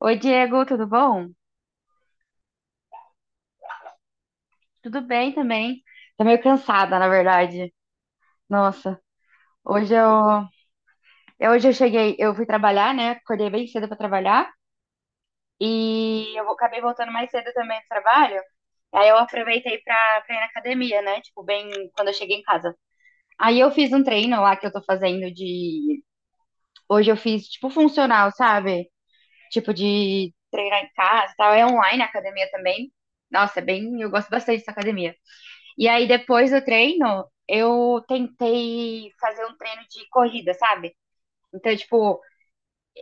Oi, Diego, tudo bom? Tudo bem também. Tô meio cansada, na verdade. Nossa, hoje eu, hoje eu cheguei, eu fui trabalhar, né? Acordei bem cedo pra trabalhar e acabei voltando mais cedo também do trabalho. Aí eu aproveitei pra ir na academia, né? Tipo, bem quando eu cheguei em casa. Aí eu fiz um treino lá que eu tô fazendo de. Hoje eu fiz tipo funcional, sabe? Tipo de treinar em casa e tal. É online a academia também. Nossa, é bem. Eu gosto bastante dessa academia. E aí, depois do treino, eu tentei fazer um treino de corrida, sabe? Então, tipo,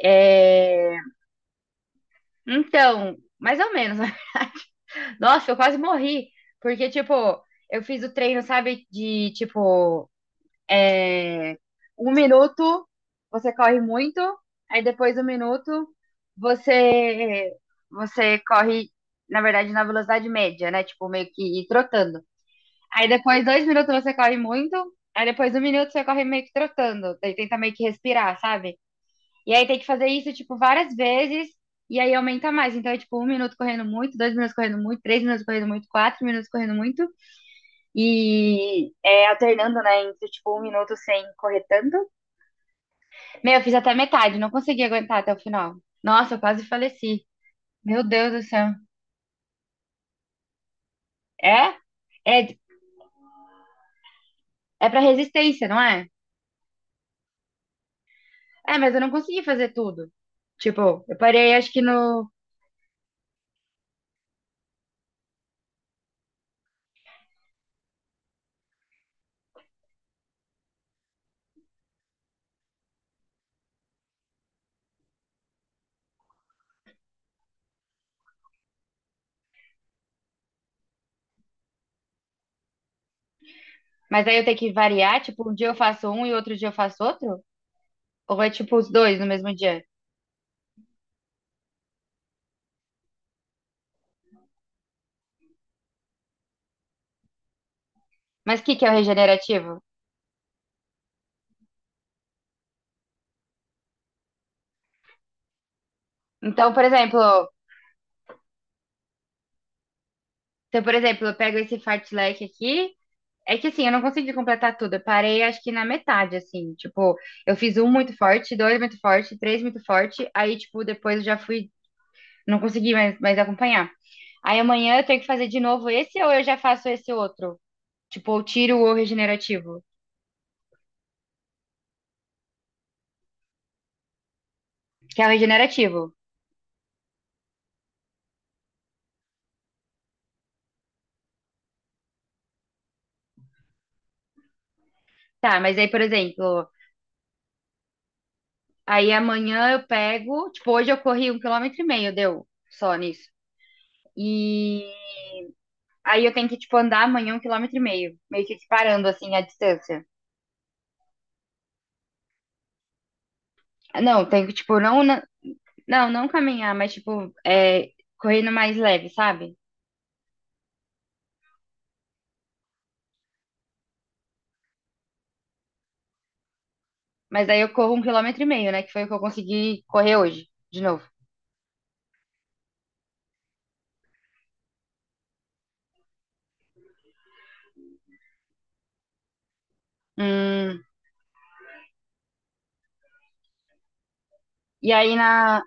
é... Então, mais ou menos. Nossa, eu quase morri. Porque, tipo, eu fiz o treino, sabe, de, tipo, é... 1 minuto, você corre muito, aí depois 1 minuto, você, você corre, na verdade, na velocidade média, né? Tipo, meio que ir trotando. Aí depois, 2 minutos você corre muito. Aí depois, um minuto você corre meio que trotando. Daí tenta meio que respirar, sabe? E aí tem que fazer isso, tipo, várias vezes. E aí aumenta mais. Então é tipo, 1 minuto correndo muito, 2 minutos correndo muito, 3 minutos correndo muito, 4 minutos correndo muito. E alternando, né? Entre tipo, 1 minuto sem correr tanto. Meu, eu fiz até metade, não consegui aguentar até o final. Nossa, eu quase faleci. Meu Deus do céu. É? É, é pra resistência, não é? É, mas eu não consegui fazer tudo. Tipo, eu parei, acho que no. Mas aí eu tenho que variar, tipo, um dia eu faço um e outro dia eu faço outro? Ou é tipo os dois no mesmo dia? Mas o que que é o regenerativo? Então, por exemplo, se eu, por exemplo, eu pego esse fartlek aqui, é que assim, eu não consegui completar tudo. Eu parei, acho que na metade, assim. Tipo, eu fiz um muito forte, dois muito forte, três muito forte, aí, tipo, depois eu já fui. Não consegui mais acompanhar. Aí amanhã eu tenho que fazer de novo esse ou eu já faço esse outro? Tipo, ou tiro o regenerativo. Que é o regenerativo. Tá, mas aí, por exemplo, aí amanhã eu pego. Tipo, hoje eu corri 1,5 km, deu só nisso. E aí eu tenho que, tipo, andar amanhã 1,5 km. Meio que parando, assim, a distância. Não, tenho que, tipo, não, não, não caminhar, mas, tipo, é, correndo mais leve, sabe? Mas aí eu corro 1,5 km, né? Que foi o que eu consegui correr hoje, de novo. Hum, E aí na,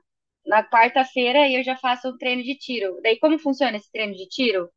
na quarta-feira eu já faço um treino de tiro. Daí como funciona esse treino de tiro?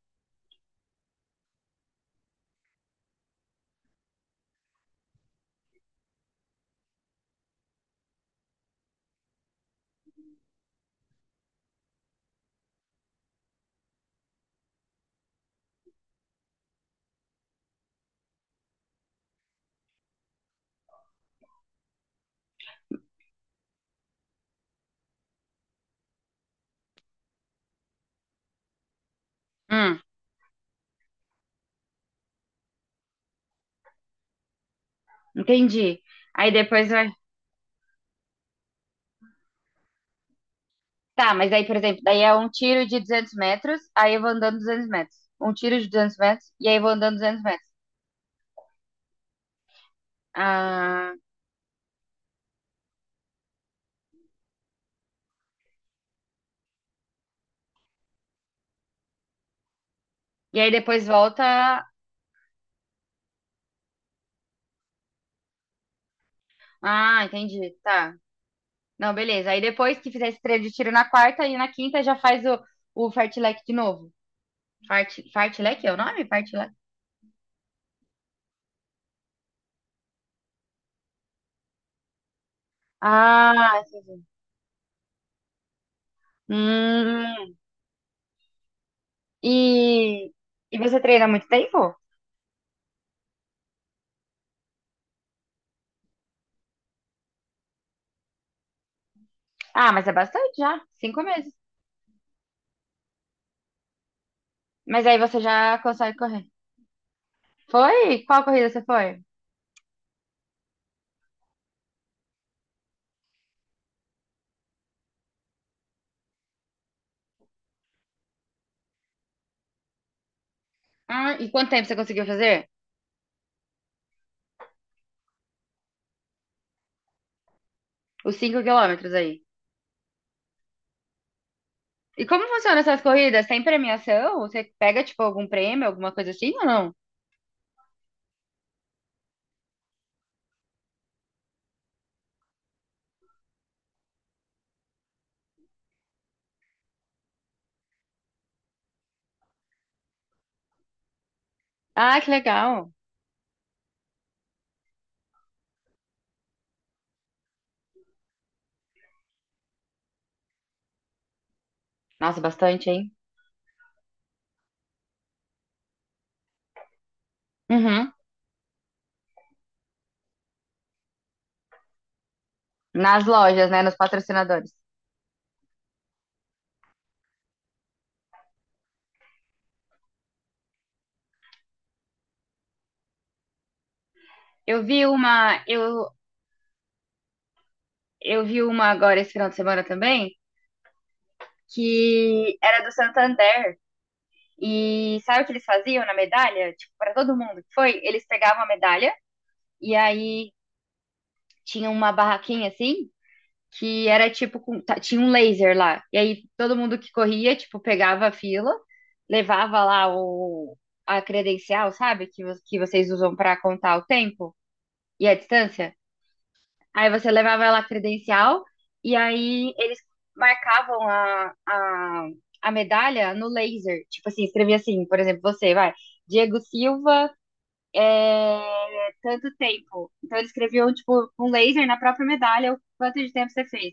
Hum, entendi. Aí depois vai. Tá, mas aí, por exemplo, daí é um tiro de 200 metros, aí eu vou andando 200 metros. Um tiro de 200 metros, e aí eu vou andando 200 metros. Ah, e aí depois volta. Ah, entendi. Tá. Não, beleza. Aí depois que fizer esse treino de tiro na quarta e na quinta já faz o fartlek de novo. Fartlek é o nome? Fartlek. Ah, entendi. Hum, E, e você treina há muito tempo? Ah, mas é bastante já, 5 meses. Mas aí você já consegue correr. Foi? Qual corrida você foi? Ah, e quanto tempo você conseguiu fazer? Os 5 quilômetros aí. E como funcionam essas corridas? Tem premiação? Você pega, tipo, algum prêmio, alguma coisa assim ou não? Ah, que legal. Nossa, bastante, hein? Uhum. Nas lojas, né? Nos patrocinadores. Eu vi uma, eu, eu vi uma agora esse final de semana também, que era do Santander. E sabe o que eles faziam na medalha? Tipo, para todo mundo que foi, eles pegavam a medalha e aí tinha uma barraquinha assim, que era tipo, tinha um laser lá. E aí todo mundo que corria, tipo, pegava a fila, levava lá o, a credencial, sabe? Que vocês usam para contar o tempo e a distância. Aí você levava lá a credencial e aí eles marcavam a medalha no laser. Tipo assim, escrevia assim, por exemplo, você vai, Diego Silva. É, tanto tempo. Então eles escreviam, tipo, um laser na própria medalha, o quanto de tempo você fez.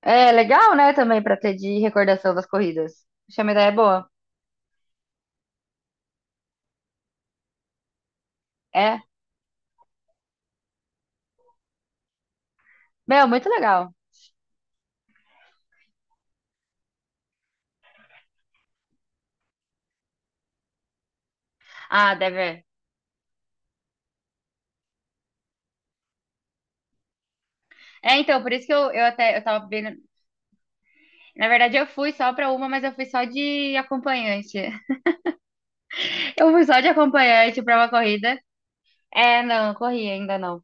É legal, né? Também pra ter de recordação das corridas. Acho que a medalha é boa. É. Meu, muito legal. Ah, deve. É, é, então, por isso que eu tava vendo. Na verdade, eu fui só pra uma, mas eu fui só de acompanhante. Eu fui só de acompanhante pra uma corrida. É, não, corri ainda não.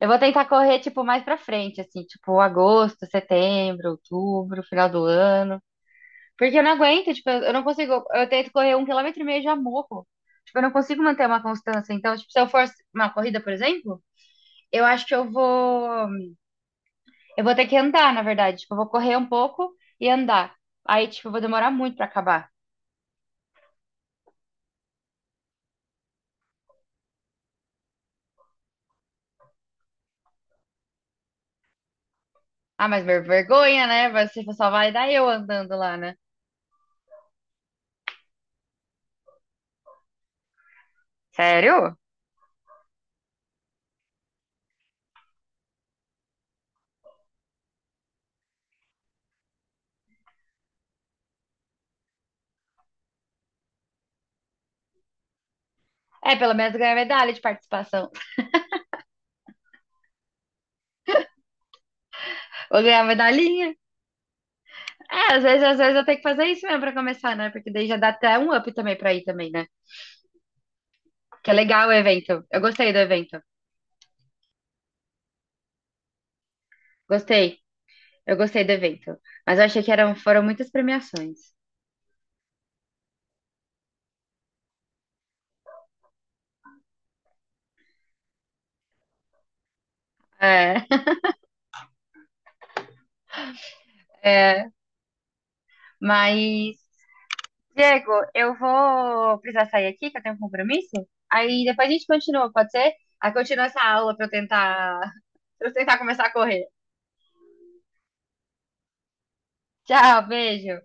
Eu vou tentar correr, tipo, mais pra frente, assim, tipo, agosto, setembro, outubro, final do ano. Porque eu não aguento, tipo, eu não consigo. Eu tento correr 1,5 km e já morro. Tipo, eu não consigo manter uma constância. Então, tipo, se eu for uma corrida, por exemplo, eu acho que eu vou. Eu vou ter que andar, na verdade. Tipo, eu vou correr um pouco e andar. Aí, tipo, eu vou demorar muito pra acabar. Ah, mas vergonha, né? Você só vai dar eu andando lá, né? Sério? É, pelo menos ganhar medalha de participação. Vou ganhar medalhinha. É, às vezes eu tenho que fazer isso mesmo pra começar, né? Porque daí já dá até um up também pra ir também, né? Que é legal o evento. Eu gostei do evento. Gostei. Eu gostei do evento. Mas eu achei que eram, foram muitas premiações. É, é. Mas, Diego, eu vou precisar sair aqui, que eu tenho um compromisso. Aí depois a gente continua, pode ser? Aí continua essa aula pra eu tentar, pra eu tentar começar a correr. Tchau, beijo.